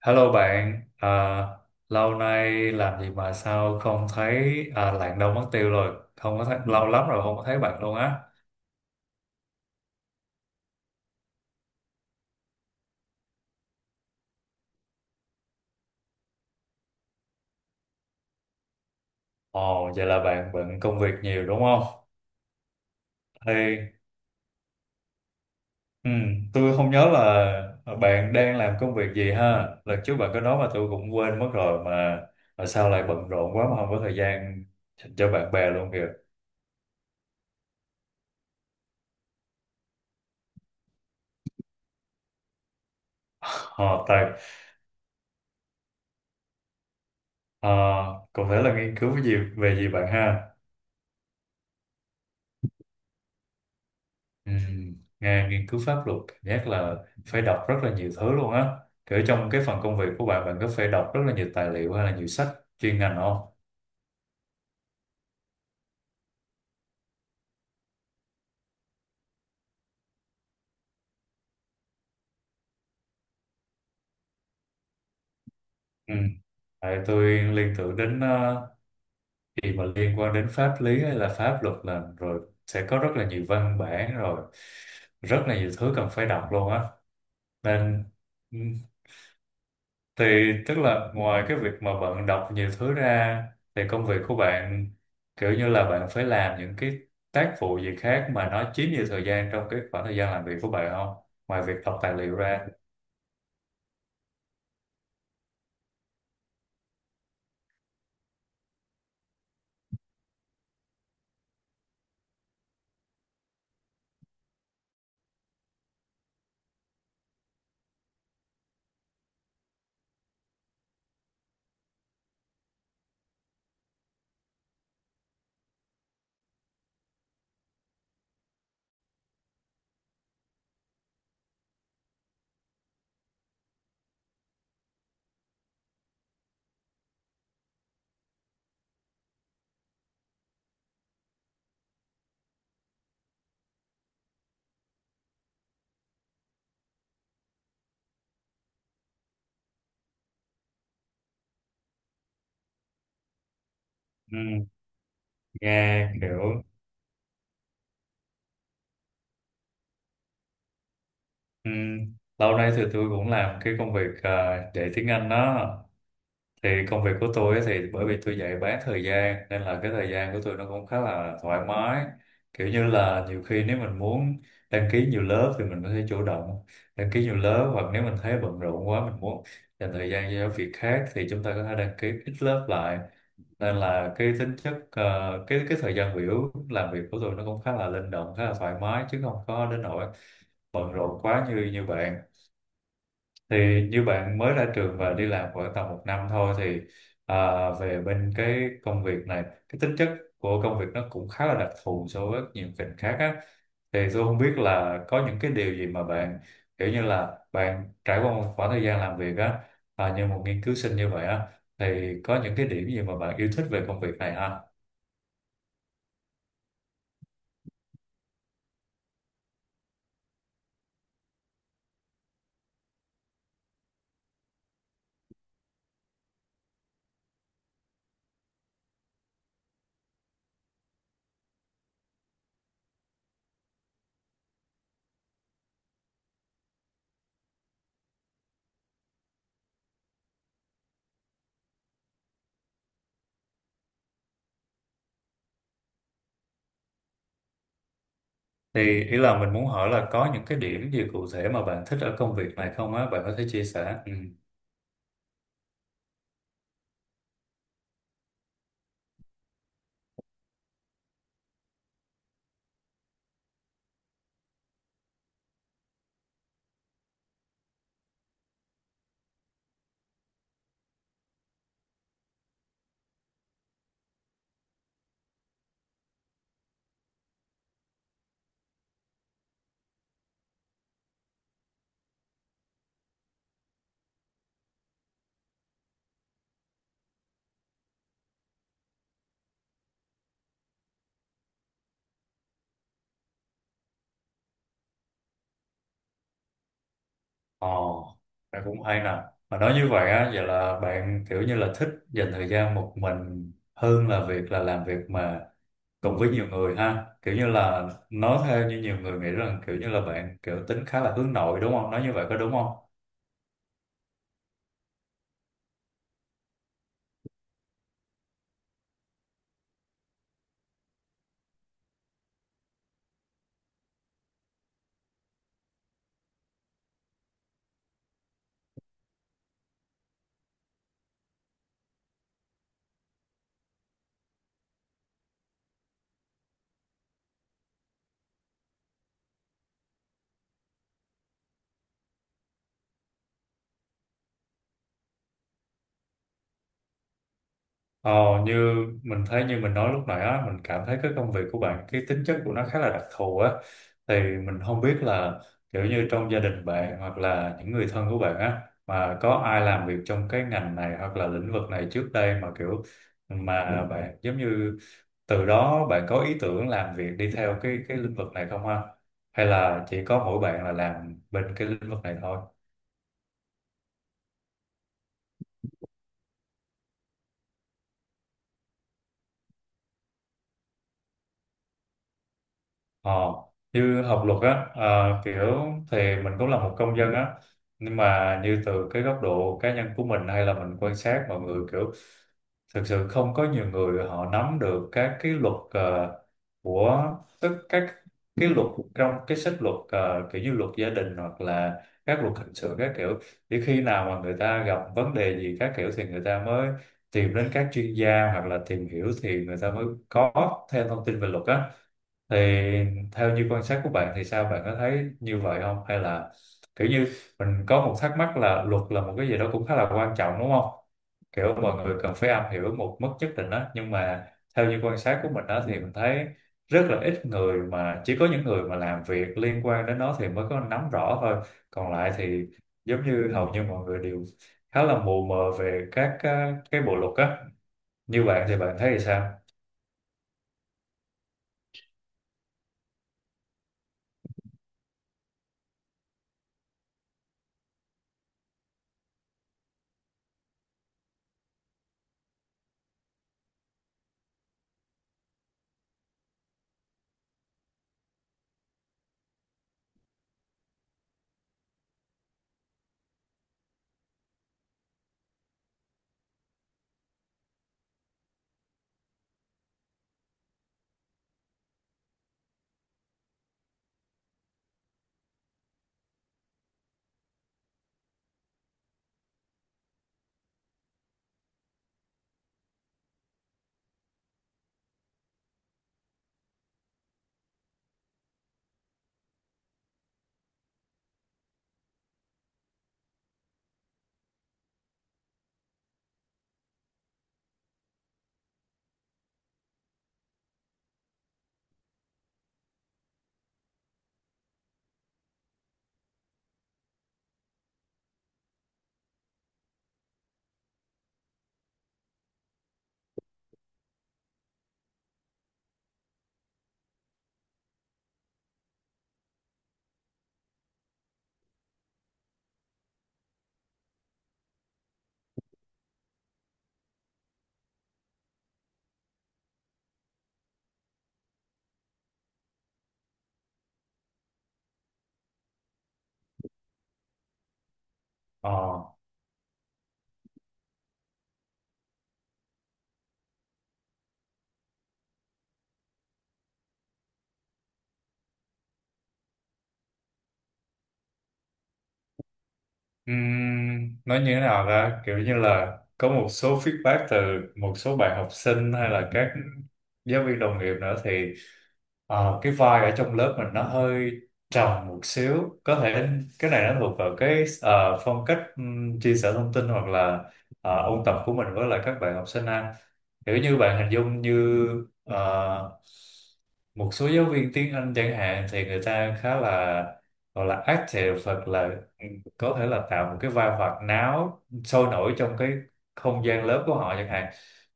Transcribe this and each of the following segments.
Hello bạn, lâu nay làm gì mà sao không thấy, Lạng Đông mất tiêu rồi, không có thấy. Ừ, lâu lắm rồi không có thấy bạn luôn á. Ồ, vậy là bạn bận công việc nhiều đúng không? Thì ừ, tôi không nhớ là bạn đang làm công việc gì ha. Lần trước bạn có nói mà tôi cũng quên mất rồi, mà sao lại bận rộn quá mà không có thời gian dành cho bạn bè luôn kìa. Ờ, tại ờ, cụ thể là nghiên cứu cái gì về gì bạn ha? Ừ. Nghe nghiên cứu pháp luật giác là phải đọc rất là nhiều thứ luôn á, kiểu trong cái phần công việc của bạn bạn có phải đọc rất là nhiều tài liệu hay là nhiều sách chuyên ngành không? Ừ. Tại tôi liên tưởng đến, gì mà liên quan đến pháp lý hay là pháp luật là rồi sẽ có rất là nhiều văn bản, rồi rất là nhiều thứ cần phải đọc luôn á, nên Thì tức là ngoài cái việc mà bạn đọc nhiều thứ ra thì công việc của bạn kiểu như là bạn phải làm những cái tác vụ gì khác mà nó chiếm nhiều thời gian trong cái khoảng thời gian làm việc của bạn không? Ngoài việc đọc tài liệu ra. Ừ, nghe kiểu ừ, lâu nay thì tôi cũng làm cái công việc, dạy tiếng Anh đó. Thì công việc của tôi ấy, thì bởi vì tôi dạy bán thời gian nên là cái thời gian của tôi nó cũng khá là thoải mái, kiểu như là nhiều khi nếu mình muốn đăng ký nhiều lớp thì mình có thể chủ động đăng ký nhiều lớp, hoặc nếu mình thấy bận rộn quá mình muốn dành thời gian cho việc khác thì chúng ta có thể đăng ký ít lớp lại. Nên là cái tính chất, cái thời gian biểu làm việc của tôi nó cũng khá là linh động, khá là thoải mái, chứ không có đến nỗi bận rộn quá như như bạn. Thì như bạn mới ra trường và đi làm khoảng tầm một năm thôi thì, về bên cái công việc này, cái tính chất của công việc nó cũng khá là đặc thù so với nhiều ngành khác á, thì tôi không biết là có những cái điều gì mà bạn kiểu như là bạn trải qua một khoảng thời gian làm việc á, như một nghiên cứu sinh như vậy á, thì có những cái điểm gì mà bạn yêu thích về công việc này ha? Thì ý là mình muốn hỏi là có những cái điểm gì cụ thể mà bạn thích ở công việc này không á, bạn có thể chia sẻ. Ừ. Ồ, bạn cũng hay nè. Mà nói như vậy á, vậy là bạn kiểu như là thích dành thời gian một mình hơn là việc là làm việc mà cùng với nhiều người ha. Kiểu như là nói theo như nhiều người nghĩ rằng kiểu như là bạn kiểu tính khá là hướng nội đúng không? Nói như vậy có đúng không? Ờ, như mình thấy như mình nói lúc nãy á, mình cảm thấy cái công việc của bạn, cái tính chất của nó khá là đặc thù á, thì mình không biết là kiểu như trong gia đình bạn hoặc là những người thân của bạn á mà có ai làm việc trong cái ngành này hoặc là lĩnh vực này trước đây, mà kiểu mà bạn giống như từ đó bạn có ý tưởng làm việc đi theo cái lĩnh vực này không ha, hay là chỉ có mỗi bạn là làm bên cái lĩnh vực này thôi? Ờ, như học luật á, ờ, kiểu thì mình cũng là một công dân á, nhưng mà như từ cái góc độ cá nhân của mình hay là mình quan sát mọi người, kiểu thực sự không có nhiều người họ nắm được các cái luật, ờ, của tức các cái luật trong cái sách luật, kiểu như luật gia đình hoặc là các luật hình sự các kiểu. Chỉ khi nào mà người ta gặp vấn đề gì các kiểu thì người ta mới tìm đến các chuyên gia hoặc là tìm hiểu thì người ta mới có thêm thông tin về luật á. Thì theo như quan sát của bạn thì sao, bạn có thấy như vậy không hay là kiểu như, mình có một thắc mắc là luật là một cái gì đó cũng khá là quan trọng đúng không, kiểu mọi người cần phải am hiểu một mức nhất định đó, nhưng mà theo như quan sát của mình đó thì mình thấy rất là ít người, mà chỉ có những người mà làm việc liên quan đến nó thì mới có nắm rõ thôi, còn lại thì giống như hầu như mọi người đều khá là mù mờ về các cái bộ luật á. Như bạn thì bạn thấy thì sao? Ờ. Ừm, nói như thế nào ra, kiểu như là có một số feedback từ một số bạn học sinh hay là các giáo viên đồng nghiệp nữa, thì cái vai ở trong lớp mình nó hơi trầm một xíu. Có thể cái này nó thuộc vào cái, phong cách chia sẻ thông tin hoặc là ôn tập của mình với lại các bạn học sinh ha. Kiểu như bạn hình dung như, ờ, một số giáo viên tiếng Anh chẳng hạn thì người ta khá là, gọi là active, hoặc là ừ, có thể là tạo một cái vai hoạt náo sôi nổi trong cái không gian lớp của họ chẳng hạn.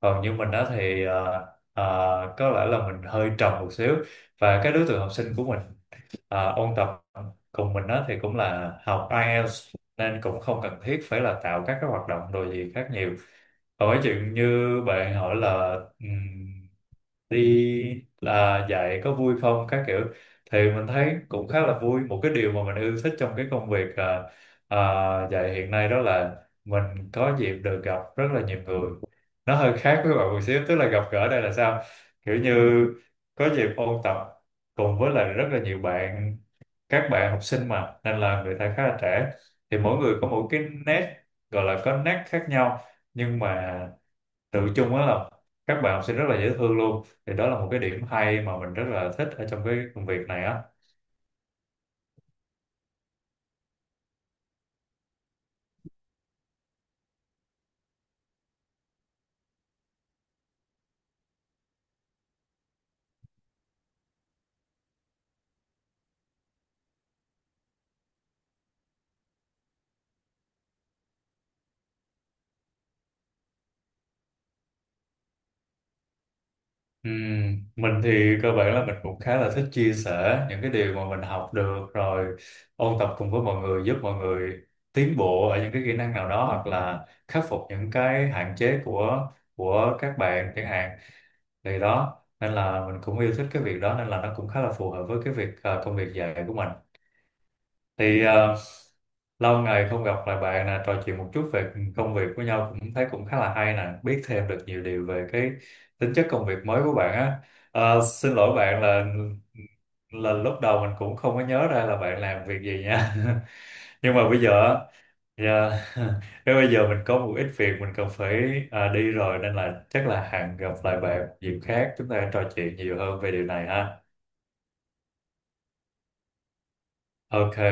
Còn như mình đó thì có lẽ là mình hơi trầm một xíu, và cái đối tượng học sinh của mình ôn tập cùng mình đó thì cũng là học IELTS, nên cũng không cần thiết phải là tạo các cái hoạt động đồ gì khác nhiều. Hỏi chuyện như bạn hỏi là, đi là dạy có vui không các kiểu, thì mình thấy cũng khá là vui. Một cái điều mà mình yêu thích trong cái công việc, à, dạy hiện nay đó là mình có dịp được gặp rất là nhiều người. Nó hơi khác với bạn một xíu, tức là gặp gỡ đây là sao, kiểu như có dịp ôn tập cùng với lại rất là nhiều bạn, các bạn học sinh mà, nên là người ta khá là trẻ, thì mỗi người có một cái nét, gọi là có nét khác nhau, nhưng mà tự chung á là các bạn học sinh rất là dễ thương luôn. Thì đó là một cái điểm hay mà mình rất là thích ở trong cái công việc này á. Ừm, mình thì cơ bản là mình cũng khá là thích chia sẻ những cái điều mà mình học được, rồi ôn tập cùng với mọi người, giúp mọi người tiến bộ ở những cái kỹ năng nào đó hoặc là khắc phục những cái hạn chế của các bạn chẳng hạn. Thì đó, nên là mình cũng yêu thích cái việc đó, nên là nó cũng khá là phù hợp với cái việc, công việc dạy của mình. Thì à, lâu ngày không gặp lại bạn nè, trò chuyện một chút về công việc với nhau cũng thấy cũng khá là hay nè, biết thêm được nhiều điều về cái tính chất công việc mới của bạn á. Ờ, xin lỗi bạn là lúc đầu mình cũng không có nhớ ra là bạn làm việc gì nha. Nhưng mà bây giờ á, dạ, nếu bây giờ mình có một ít việc mình cần phải, đi rồi, nên là chắc là hẹn gặp lại bạn dịp khác, chúng ta trò chuyện nhiều hơn về điều này ha. Ok.